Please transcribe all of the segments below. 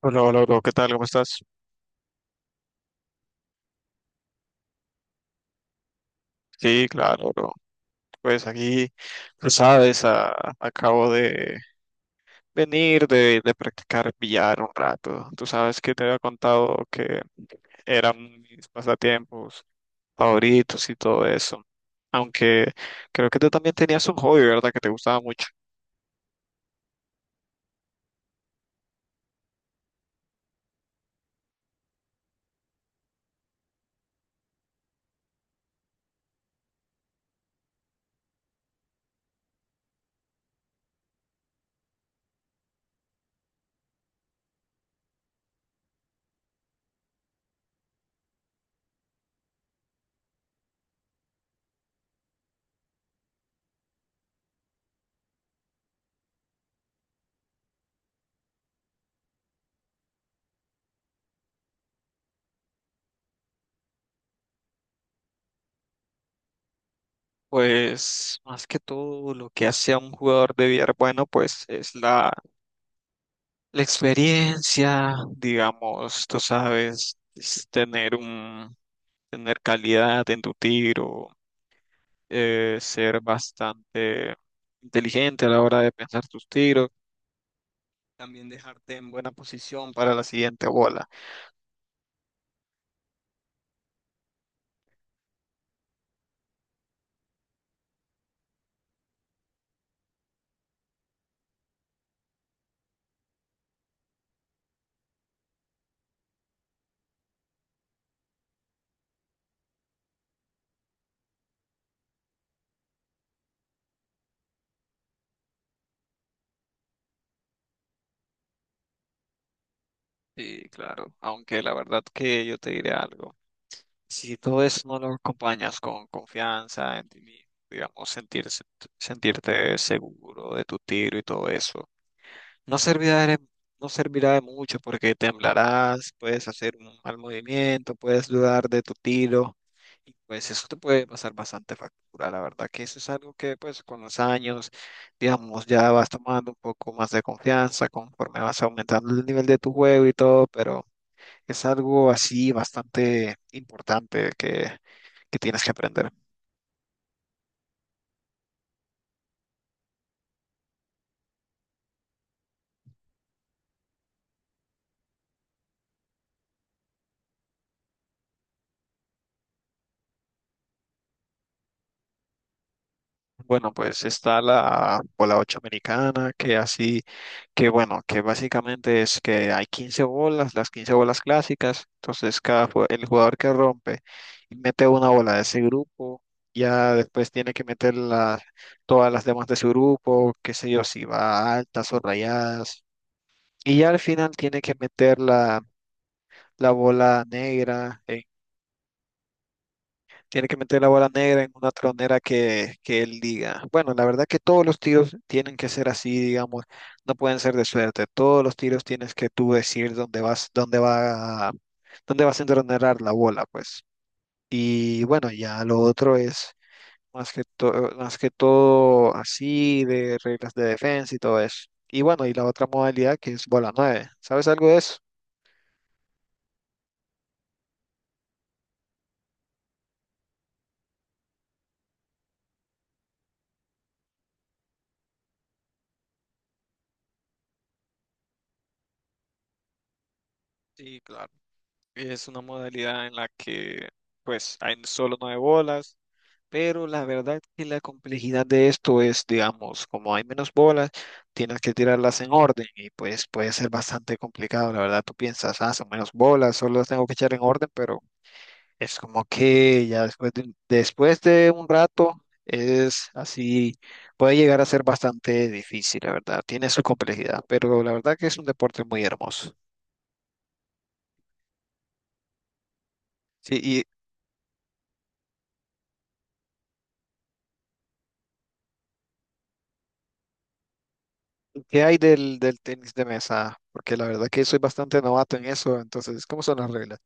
Hola, hola, bro, ¿qué tal? ¿Cómo estás? Sí, claro, bro. Pues aquí, tú sabes, acabo de venir de practicar billar un rato. Tú sabes que te había contado que eran mis pasatiempos favoritos y todo eso. Aunque creo que tú también tenías un hobby, ¿verdad? Que te gustaba mucho. Pues más que todo lo que hace a un jugador de billar bueno, pues es la experiencia, digamos, tú sabes, es tener calidad en tu tiro, ser bastante inteligente a la hora de pensar tus tiros, también dejarte en buena posición para la siguiente bola. Sí, claro, aunque la verdad que yo te diré algo, si todo eso no lo acompañas con confianza en ti mismo, digamos, sentirte seguro de tu tiro y todo eso. No servirá de, no servirá de mucho porque temblarás, puedes hacer un mal movimiento, puedes dudar de tu tiro y pues eso te puede pasar bastante factura. La verdad que eso es algo que pues con los años, digamos, ya vas tomando un poco más de confianza conforme vas aumentando el nivel de tu juego y todo, pero es algo así bastante importante que tienes que aprender. Bueno, pues está la bola 8 americana, que así, que bueno, que básicamente es que hay 15 bolas, las 15 bolas clásicas, entonces el jugador que rompe y mete una bola de ese grupo, ya después tiene que todas las demás de su grupo, qué sé yo, si va altas o rayadas, y ya al final tiene que meter la bola negra. Tiene que meter la bola negra en una tronera que él diga. Bueno, la verdad que todos los tiros tienen que ser así, digamos, no pueden ser de suerte. Todos los tiros tienes que tú decir dónde vas a entronerar la bola, pues. Y bueno, ya lo otro es más que todo así de reglas de defensa y todo eso. Y bueno, y la otra modalidad que es bola 9. ¿Sabes algo de eso? Sí, claro. Es una modalidad en la que pues hay solo 9 bolas, pero la verdad que la complejidad de esto es, digamos, como hay menos bolas, tienes que tirarlas en orden y pues puede ser bastante complicado, la verdad. Tú piensas, ah, son menos bolas, solo las tengo que echar en orden, pero es como que ya después de un rato es así, puede llegar a ser bastante difícil, la verdad. Tiene su complejidad, pero la verdad que es un deporte muy hermoso. Sí, ¿qué hay del tenis de mesa? Porque la verdad que soy bastante novato en eso, entonces, ¿cómo son las reglas?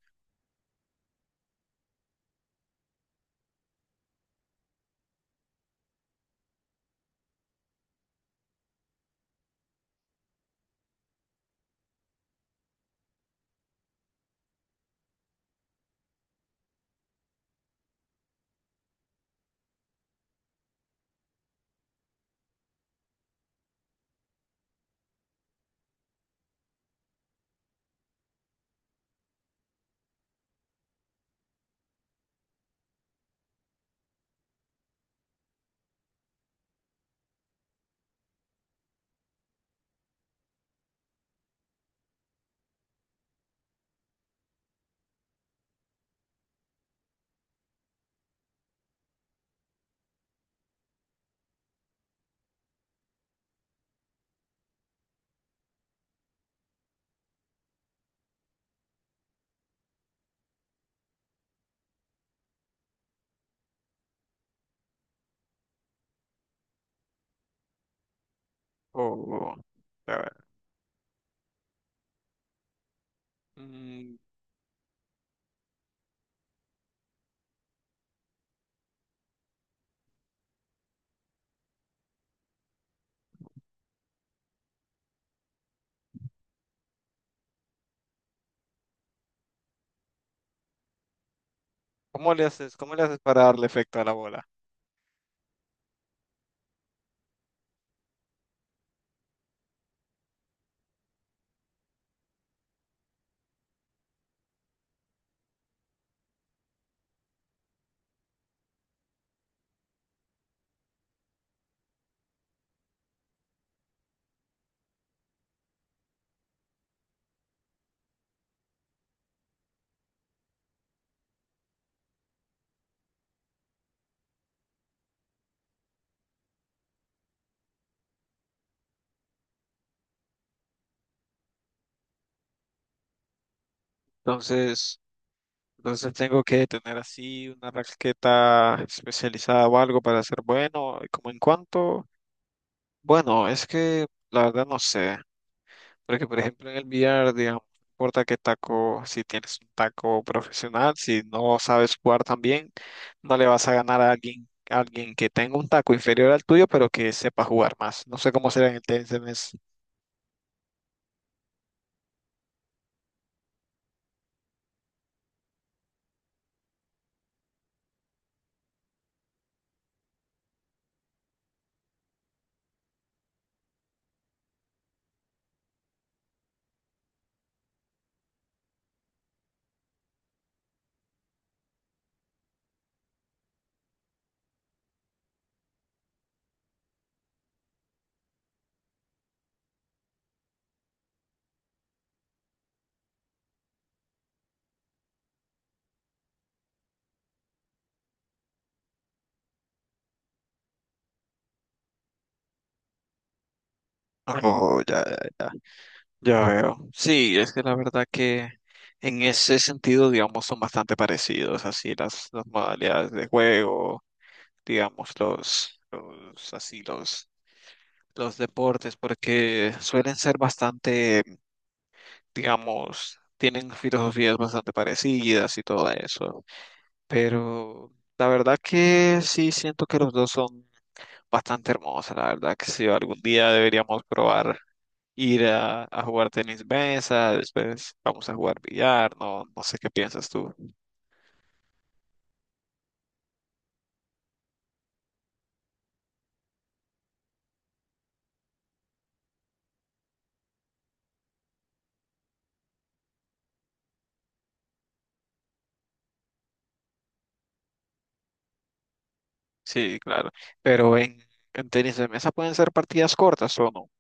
O, a ver, mm, ¿cómo le haces, para darle efecto a la bola? Entonces, entonces tengo que tener así una raqueta especializada o algo para ser bueno. ¿Y cómo en cuánto? Bueno, es que la verdad no sé. Porque, por ejemplo, en el billar, digamos, no importa qué taco, si tienes un taco profesional, si no sabes jugar tan bien, no le vas a ganar a alguien, que tenga un taco inferior al tuyo, pero que sepa jugar más. No sé cómo será en el tenis. Oh, ya, ya, ya. Ya veo. Sí, es que la verdad que en ese sentido, digamos, son bastante parecidos, así las modalidades de juego, digamos, los deportes, porque suelen ser bastante, digamos, tienen filosofías bastante parecidas y todo eso. Pero la verdad que sí siento que los dos son bastante hermosos. La verdad que sí, algún día deberíamos probar ir a jugar tenis mesa, después vamos a jugar billar, no, no sé qué piensas tú. Sí, claro. Pero en tenis de mesa pueden ser partidas cortas o no.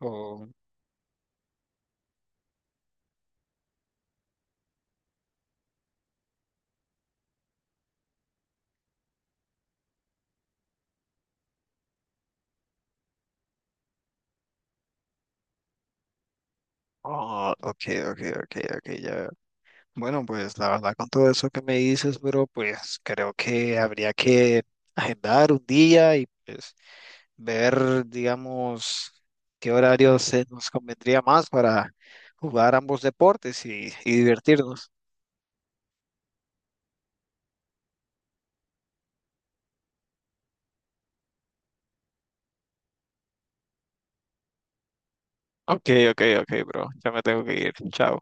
Oh, oh, ok, ok, ok, ok, ya. Bueno, pues la verdad con todo eso que me dices, bro, pues creo que habría que agendar un día y pues ver, digamos, qué horario se nos convendría más para jugar ambos deportes y divertirnos. Ok, ok, ok, bro. Ya me tengo que ir. Chao.